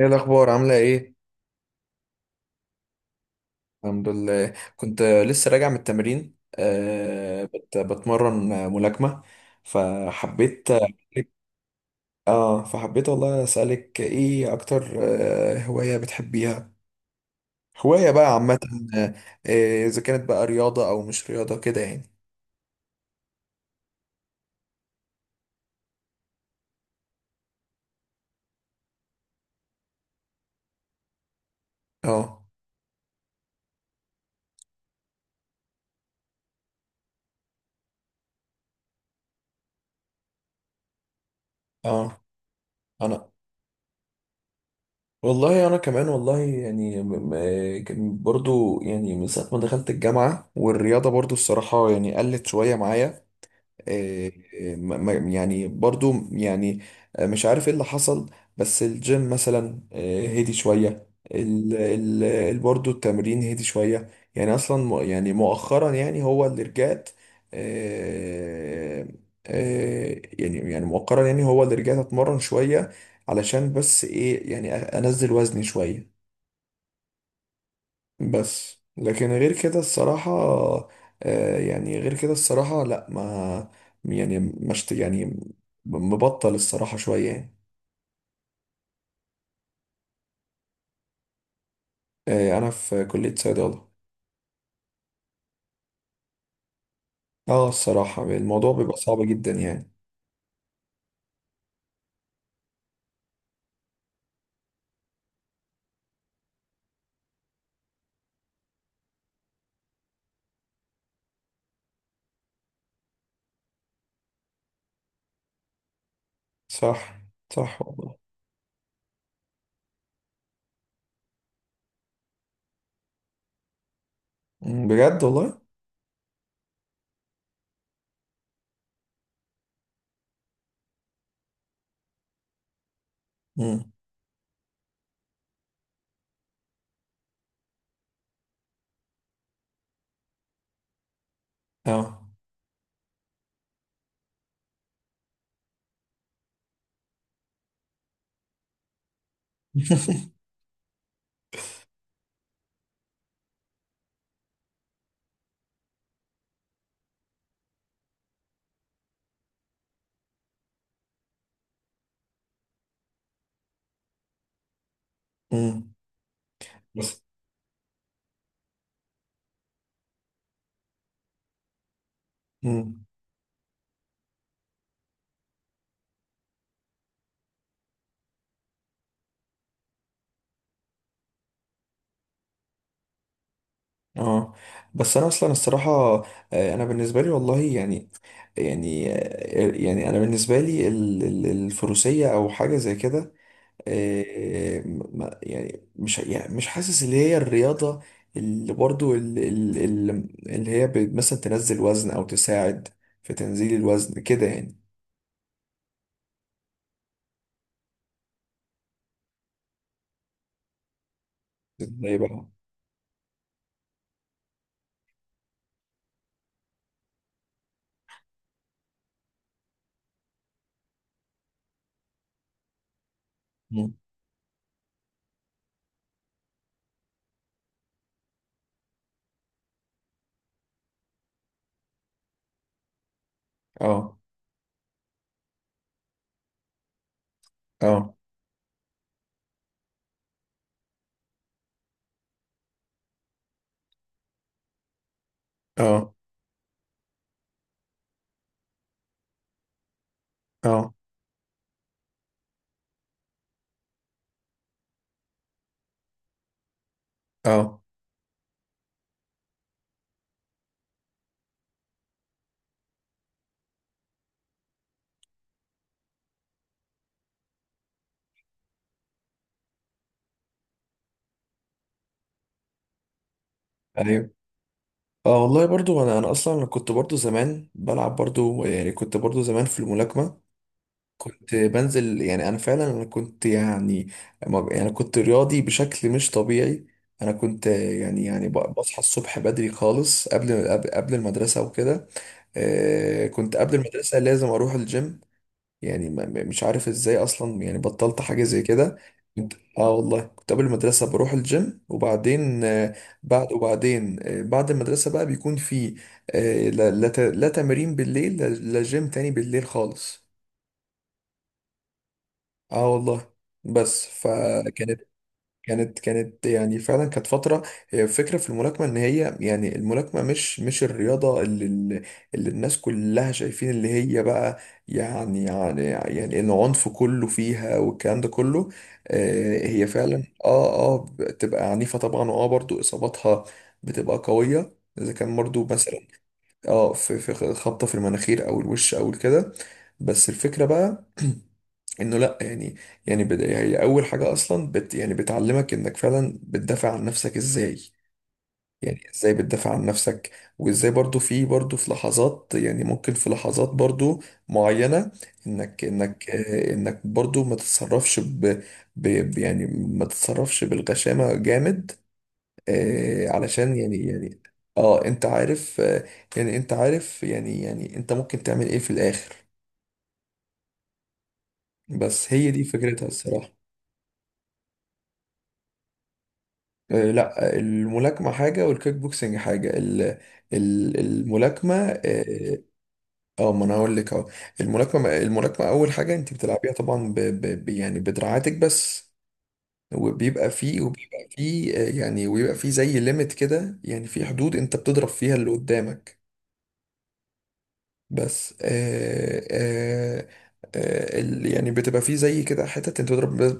ايه الاخبار؟ عامله ايه؟ الحمد لله. كنت لسه راجع من التمرين، بتمرن ملاكمه، فحبيت. اه، فحبيت والله. اسالك ايه اكتر؟ هوايه بتحبيها؟ هوايه بقى عامه؟ آه. اذا كانت بقى رياضه او مش رياضه، كده يعني. اه، اه، انا والله، انا كمان والله. يعني كان برضو يعني من ساعه ما دخلت الجامعه والرياضه برضو الصراحه يعني قلت شويه معايا. آه، يعني برضو يعني. مش عارف ايه اللي حصل. بس الجيم مثلا، هدي شوية. برضو التمرين هدي شوية. يعني اصلا يعني مؤخرا يعني هو اللي رجعت. آه. يعني يعني مؤخرا يعني هو اللي رجعت اتمرن شوية. علشان بس ايه يعني انزل وزني شوية. بس، لكن غير كده الصراحة. يعني غير كده الصراحة، لا ما. يعني مش يعني. مبطل الصراحة شوية يعني. أنا في كلية صيدلة. اه، الصراحة الموضوع بيبقى صعب جدا يعني. صح. صح والله. مم، بجد والله. مم. اه. مم. بس. مم. اه، بس انا اصلا الصراحه. انا بالنسبه لي والله يعني. يعني يعني انا بالنسبه لي الفروسيه او حاجه زي كده. يعني مش يعني مش حاسس اللي هي الرياضه. اللي برضو اللي هي مثلا تنزل وزن او تساعد في تنزيل الوزن، كده يعني. ازاي بقى؟ مم. اه، اه، اه، اه، اه، ايوه، اه. والله برضو انا اصلا كنت برضو زمان بلعب برضو، يعني كنت برضو زمان في الملاكمه. كنت بنزل. يعني انا فعلا، انا كنت يعني. يعني كنت رياضي بشكل مش طبيعي. انا كنت يعني يعني بصحى الصبح بدري خالص قبل المدرسه وكده. كنت قبل المدرسه لازم اروح الجيم. يعني مش عارف ازاي اصلا، يعني بطلت حاجه زي كده. كنت، والله كنت قبل المدرسه بروح الجيم وبعدين بعد وبعدين بعد المدرسه بقى بيكون في. لا، لا، لا تمرين بالليل، لا، لا، جيم تاني بالليل خالص. اه والله. بس. مم. فكانت. كانت يعني فعلا كانت فترة. هي الفكرة في الملاكمة ان هي يعني الملاكمة مش الرياضة اللي اللي الناس كلها شايفين، اللي هي بقى يعني يعني يعني العنف كله فيها والكلام ده كله. هي فعلا، بتبقى عنيفة طبعا، واه برضو اصاباتها بتبقى قوية اذا كان برضو مثلا اه في خبطة في المناخير او الوش او كده. بس الفكرة بقى انه لا يعني. يعني هي اول حاجه اصلا يعني بتعلمك انك فعلا بتدافع عن نفسك ازاي. يعني ازاي بتدافع عن نفسك، وازاي برضو في برضو في لحظات. يعني ممكن في لحظات برضو معينه، انك انك برضو ما تتصرفش يعني ما تتصرفش بالغشامه جامد. علشان يعني يعني، اه، انت عارف يعني انت عارف، يعني يعني انت ممكن تعمل ايه في الاخر. بس هي دي فكرتها الصراحه. لا، الملاكمة حاجة والكيك بوكسنج حاجة. ال ال الملاكمة، اه. ما انا هقول لك اهو. الملاكمة، اول حاجة انت بتلعبيها طبعا يعني بدراعاتك بس. وبيبقى فيه يعني، ويبقى فيه زي ليميت كده، يعني في حدود انت بتضرب فيها اللي قدامك. بس يعني بتبقى فيه زي كده حتت انت بتضرب بس،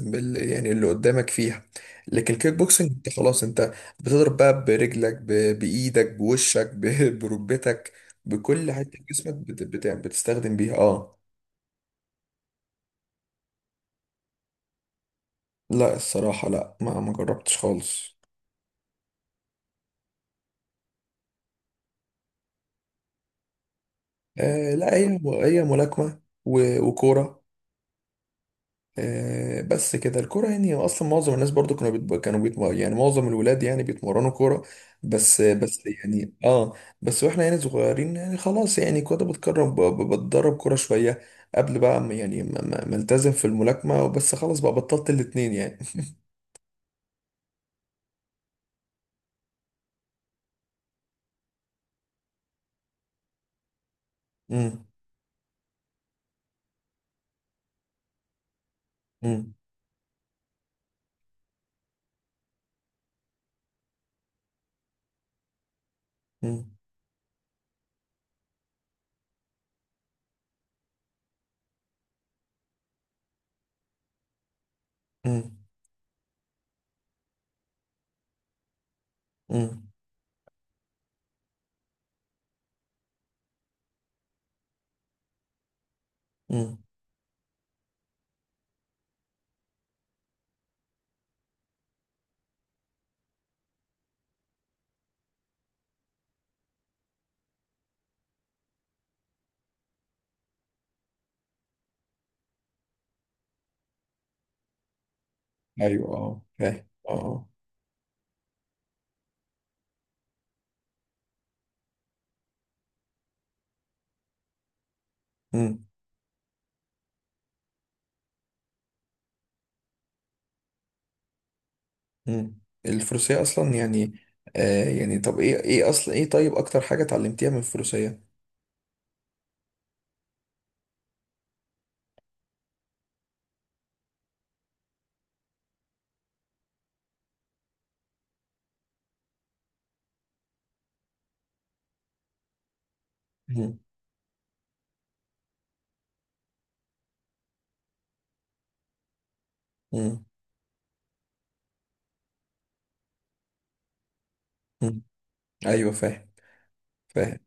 بس بال يعني اللي قدامك فيها. لكن الكيك بوكسنج انت خلاص، انت بتضرب بقى برجلك، بايدك، بوشك، بركبتك، بكل حتة في جسمك بت بت بتستخدم بيها، اه. لا، الصراحة، لا، ما جربتش خالص. لا، هي هي ملاكمة وكورة. بس كده. الكرة يعني اصلا معظم الناس برضو كانوا بيتب... كانوا بيتم... يعني معظم الولاد يعني بيتمرنوا كرة. بس، يعني، اه. بس واحنا يعني صغيرين يعني خلاص، يعني كنت بتكرم بتدرب كرة شوية قبل بقى يعني ما التزم في الملاكمة. بس خلاص بقى بطلت الاتنين يعني. امم. امم. امم. امم. امم. امم. ايوه، اه، فاهم، اه، آه. امم. امم. الفروسية اصلا يعني. يعني، طب، ايه، اصلا ايه، طيب، اكتر حاجة اتعلمتيها من الفروسية؟ مم. مم. ايوه، فاهم. فاهم.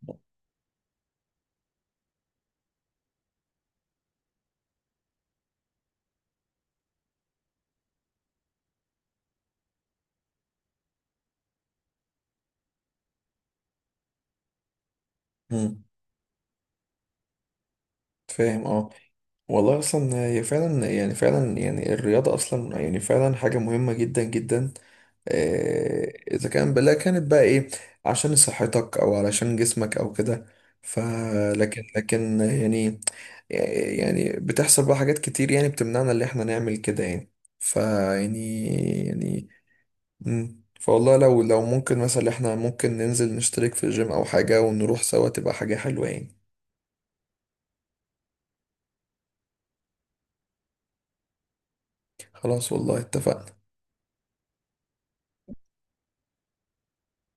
مم. فاهم، اه. والله اصلا هي فعلا يعني، فعلا يعني الرياضه اصلا يعني فعلا حاجه مهمه جدا جدا. اذا كان بلا كانت بقى ايه، عشان صحتك او علشان جسمك او كده. لكن يعني، يعني بتحصل بقى حاجات كتير يعني بتمنعنا اللي احنا نعمل كده يعني. يعني. يعني. مم. فوالله، لو ممكن مثلا، احنا ممكن ننزل نشترك في الجيم او حاجة ونروح سوا، تبقى حاجة حلوة يعني. خلاص والله، اتفقنا.